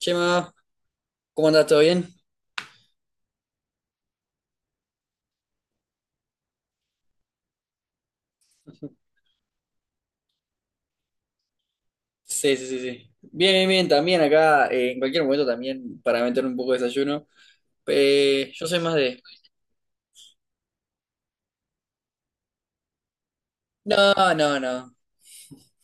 Chema, ¿cómo andas? ¿Todo bien? Sí, sí, sí, sí. Bien, bien, bien. También acá, en cualquier momento también para meter un poco de desayuno. Yo soy más de... No, no, no.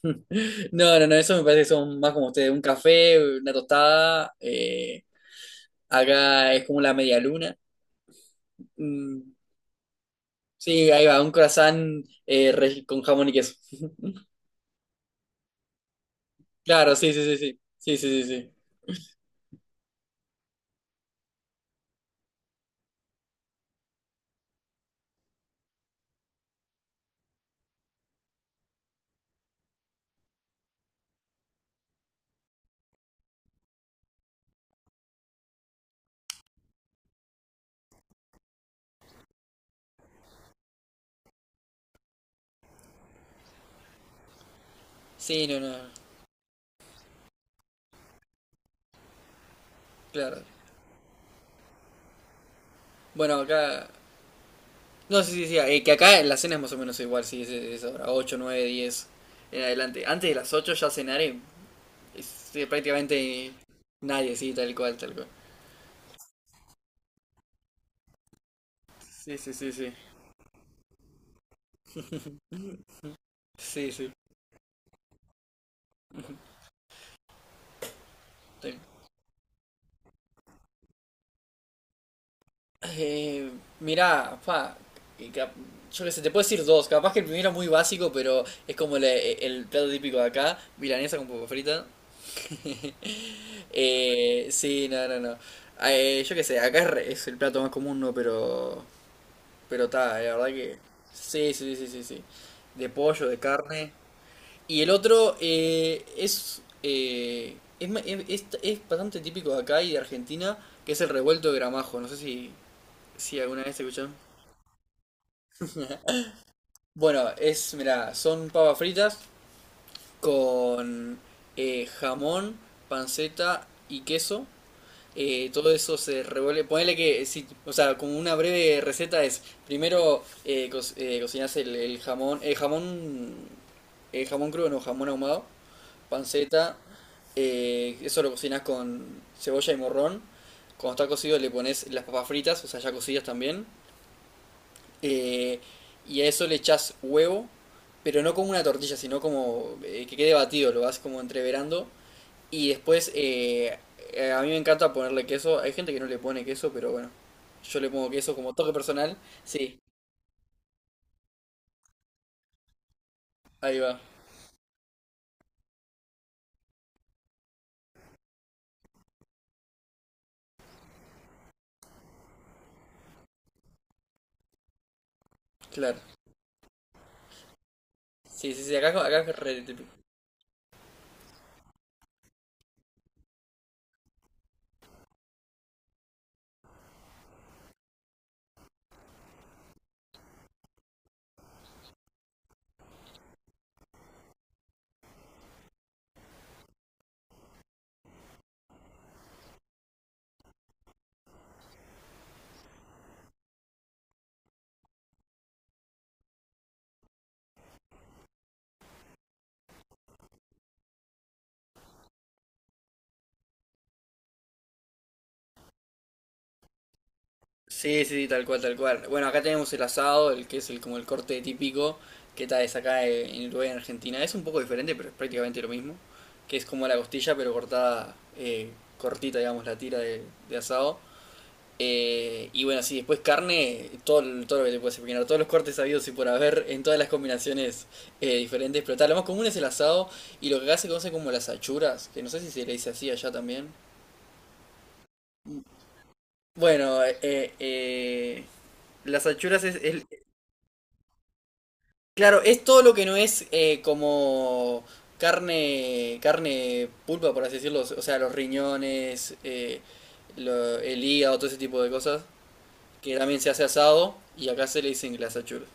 No, no, no. Eso me parece que son más como ustedes. Un café, una tostada. Acá es como la media luna. Mm, sí, ahí va. Un croissant con jamón y queso. Claro, sí, sí, sí, sí. Sí, sí, sí, sí. Sí, no, no. Claro. Bueno, acá... No, sí, sí, sí. Que acá en la cena es más o menos igual, sí, es ahora 8, 9, 10 en adelante. Antes de las 8 ya cenar prácticamente nadie, sí, tal cual, tal cual. Sí, sí, sí, sí. Sí, sí. tal- Eh, mirá, pa, que cap- yo qué sé, te puedo decir dos. Capaz que el primero es muy básico, pero es como el plato típico de acá, milanesa con papa frita. Sí, no, no, no. Yo qué sé, acá es el plato más común, ¿no? Pero está, la verdad que. Sí, sí, sí, sí, sí. De pollo, de carne. Y el otro es, ma- es bastante típico de acá y de Argentina, que es el revuelto de gramajo. No sé si, si alguna vez escucharon. Bueno, es, mira, son papas fritas con jamón, panceta y queso. Todo eso se revuelve. Ponele que, si, o sea, como una breve receta es, primero cocinas el jamón, el jamón crudo, no, jamón ahumado, panceta, eso lo cocinas con cebolla y morrón. Cuando está cocido le pones las papas fritas, o sea, ya cocidas también. eh, y a eso le echas huevo, pero no como una tortilla, sino como que quede batido, lo vas como entreverando. Y después, a mí me encanta ponerle queso. Hay gente que no le pone queso, pero bueno, yo le pongo queso como toque personal. Sí, ahí va, claro. Sí, sí, sí, acá, acá es re típico. Sí, sí, sí, tal cual, tal cual. Bueno, acá tenemos el asado, el que es el, como el corte típico, que tal es acá en Uruguay, en Argentina. Es un poco diferente, pero es prácticamente lo mismo. Que es como la costilla, pero cortada, cortita, digamos, la tira de asado. Y bueno, sí, después carne, todo, todo lo que te puedes imaginar, todos los cortes habidos y por haber en todas las combinaciones diferentes, pero tal, lo más común es el asado y lo que acá se conoce como las achuras, que no sé si se le dice así allá también. Bueno, las achuras es- claro, es todo lo que no es como carne, carne pulpa, por así decirlo, o sea, los riñones, el hígado, todo ese tipo de cosas, que también se hace asado y acá se le dicen las achuras.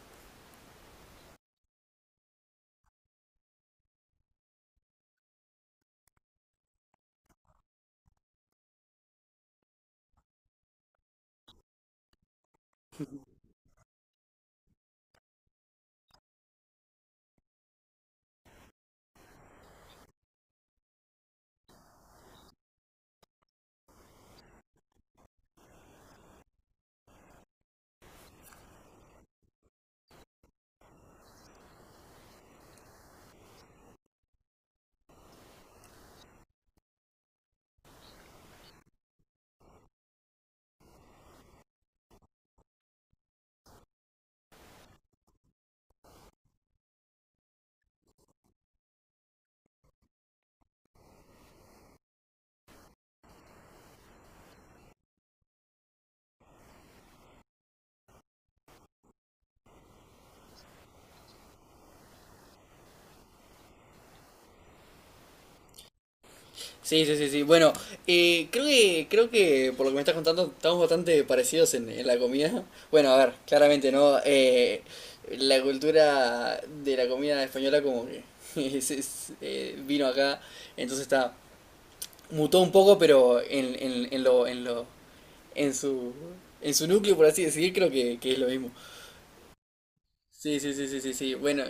Sí, sí, sí, sí. Bueno, creo que por lo que me estás contando, estamos bastante parecidos en la comida. Bueno, a ver, claramente, ¿no? La cultura de la comida española como que vino acá, entonces está, mutó un poco, pero en su, en su núcleo, por así decir, que es lo mismo. Sí, sí, sí, sí, sí, sí. Bueno,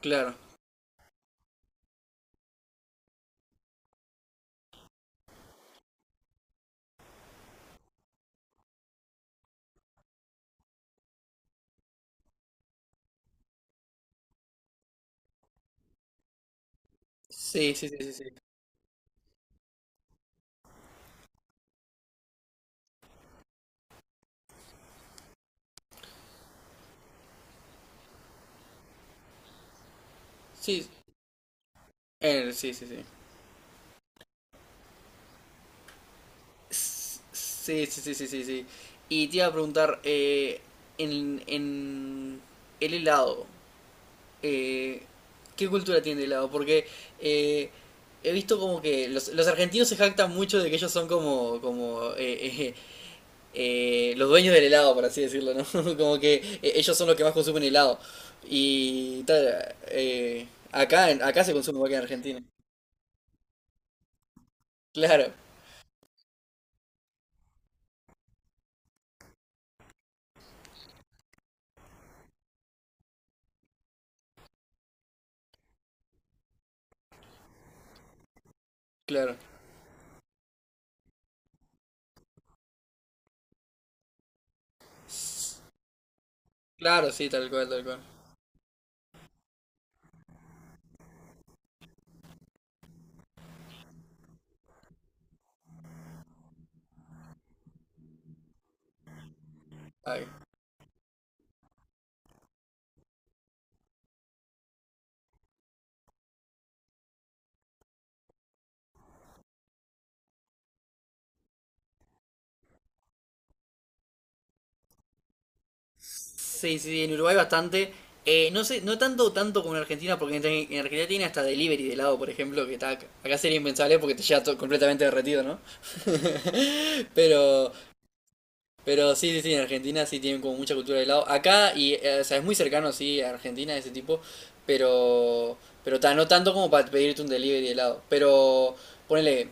claro. Sí, sí, sí, sí, sí. Sí, sí, sí, sí. Sí, sí, sí, sí, sí, sí. Y te iba a preguntar, en el helado, eh, ¿qué cultura tiene el helado? Porque eh, he visto como que los argentinos se jactan mucho de que ellos son como, como los dueños del helado, por así decirlo, ¿no? Como que ellos son los que más consumen helado. Y tal, acá se consume igual que en Argentina. Claro, claro. Claro, sí, tal cual, tal cual. Ay. Sí, sí, sí, en Uruguay bastante. No sé, no tanto tanto como en Argentina, porque en Argentina tiene hasta delivery de helado, por ejemplo, que está, acá sería impensable porque te llega todo completamente derretido, ¿no? Pero, pero sí, sí, sí, en Argentina sí tienen como mucha cultura de helado. Acá, y, o sea, es muy cercano, sí, a Argentina, ese tipo, pero, pero ta, no tanto como para pedirte un delivery de helado. Pero, ponele,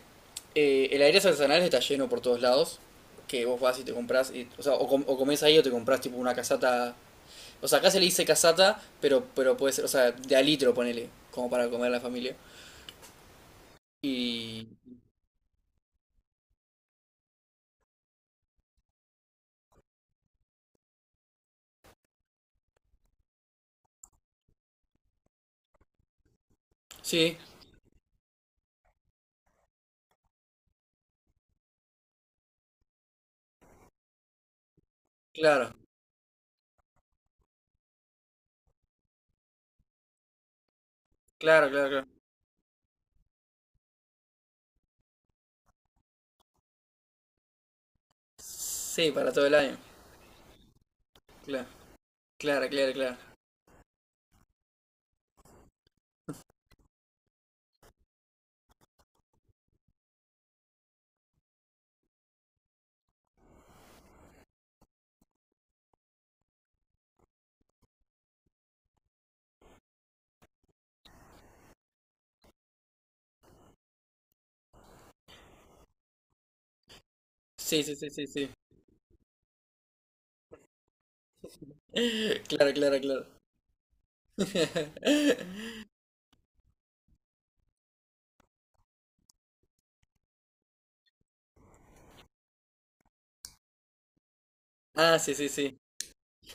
el aire artesanal está lleno por todos lados, que vos vas y te compras, y, o sea, o comes ahí o te compras tipo una casata, o sea, acá se le dice casata, pero puede ser, o sea, de a litro, ponele, como para comer a la familia. Y. Sí, claro, claro, claro, claro. Sí, para todo el año. Claro, claro, claro, claro. Sí, sí, sí, sí, sí. Claro, claro, claro. Ah, sí, sí, sí.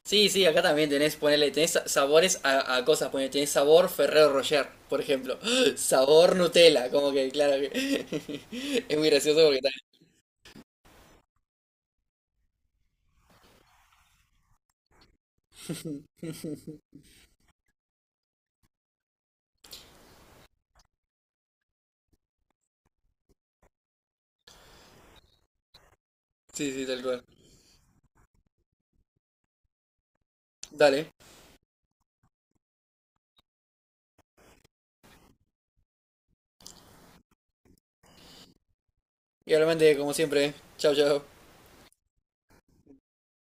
Sí, sí, acá también tenés, ponele, tenés sabores a cosas, ponele, tenés sabor Ferrero Rocher, por ejemplo. Sabor Nutella, como que, claro que. Es muy gracioso porque tal. Sí, sí, tal cual. Dale. Y obviamente, como siempre, chao chao.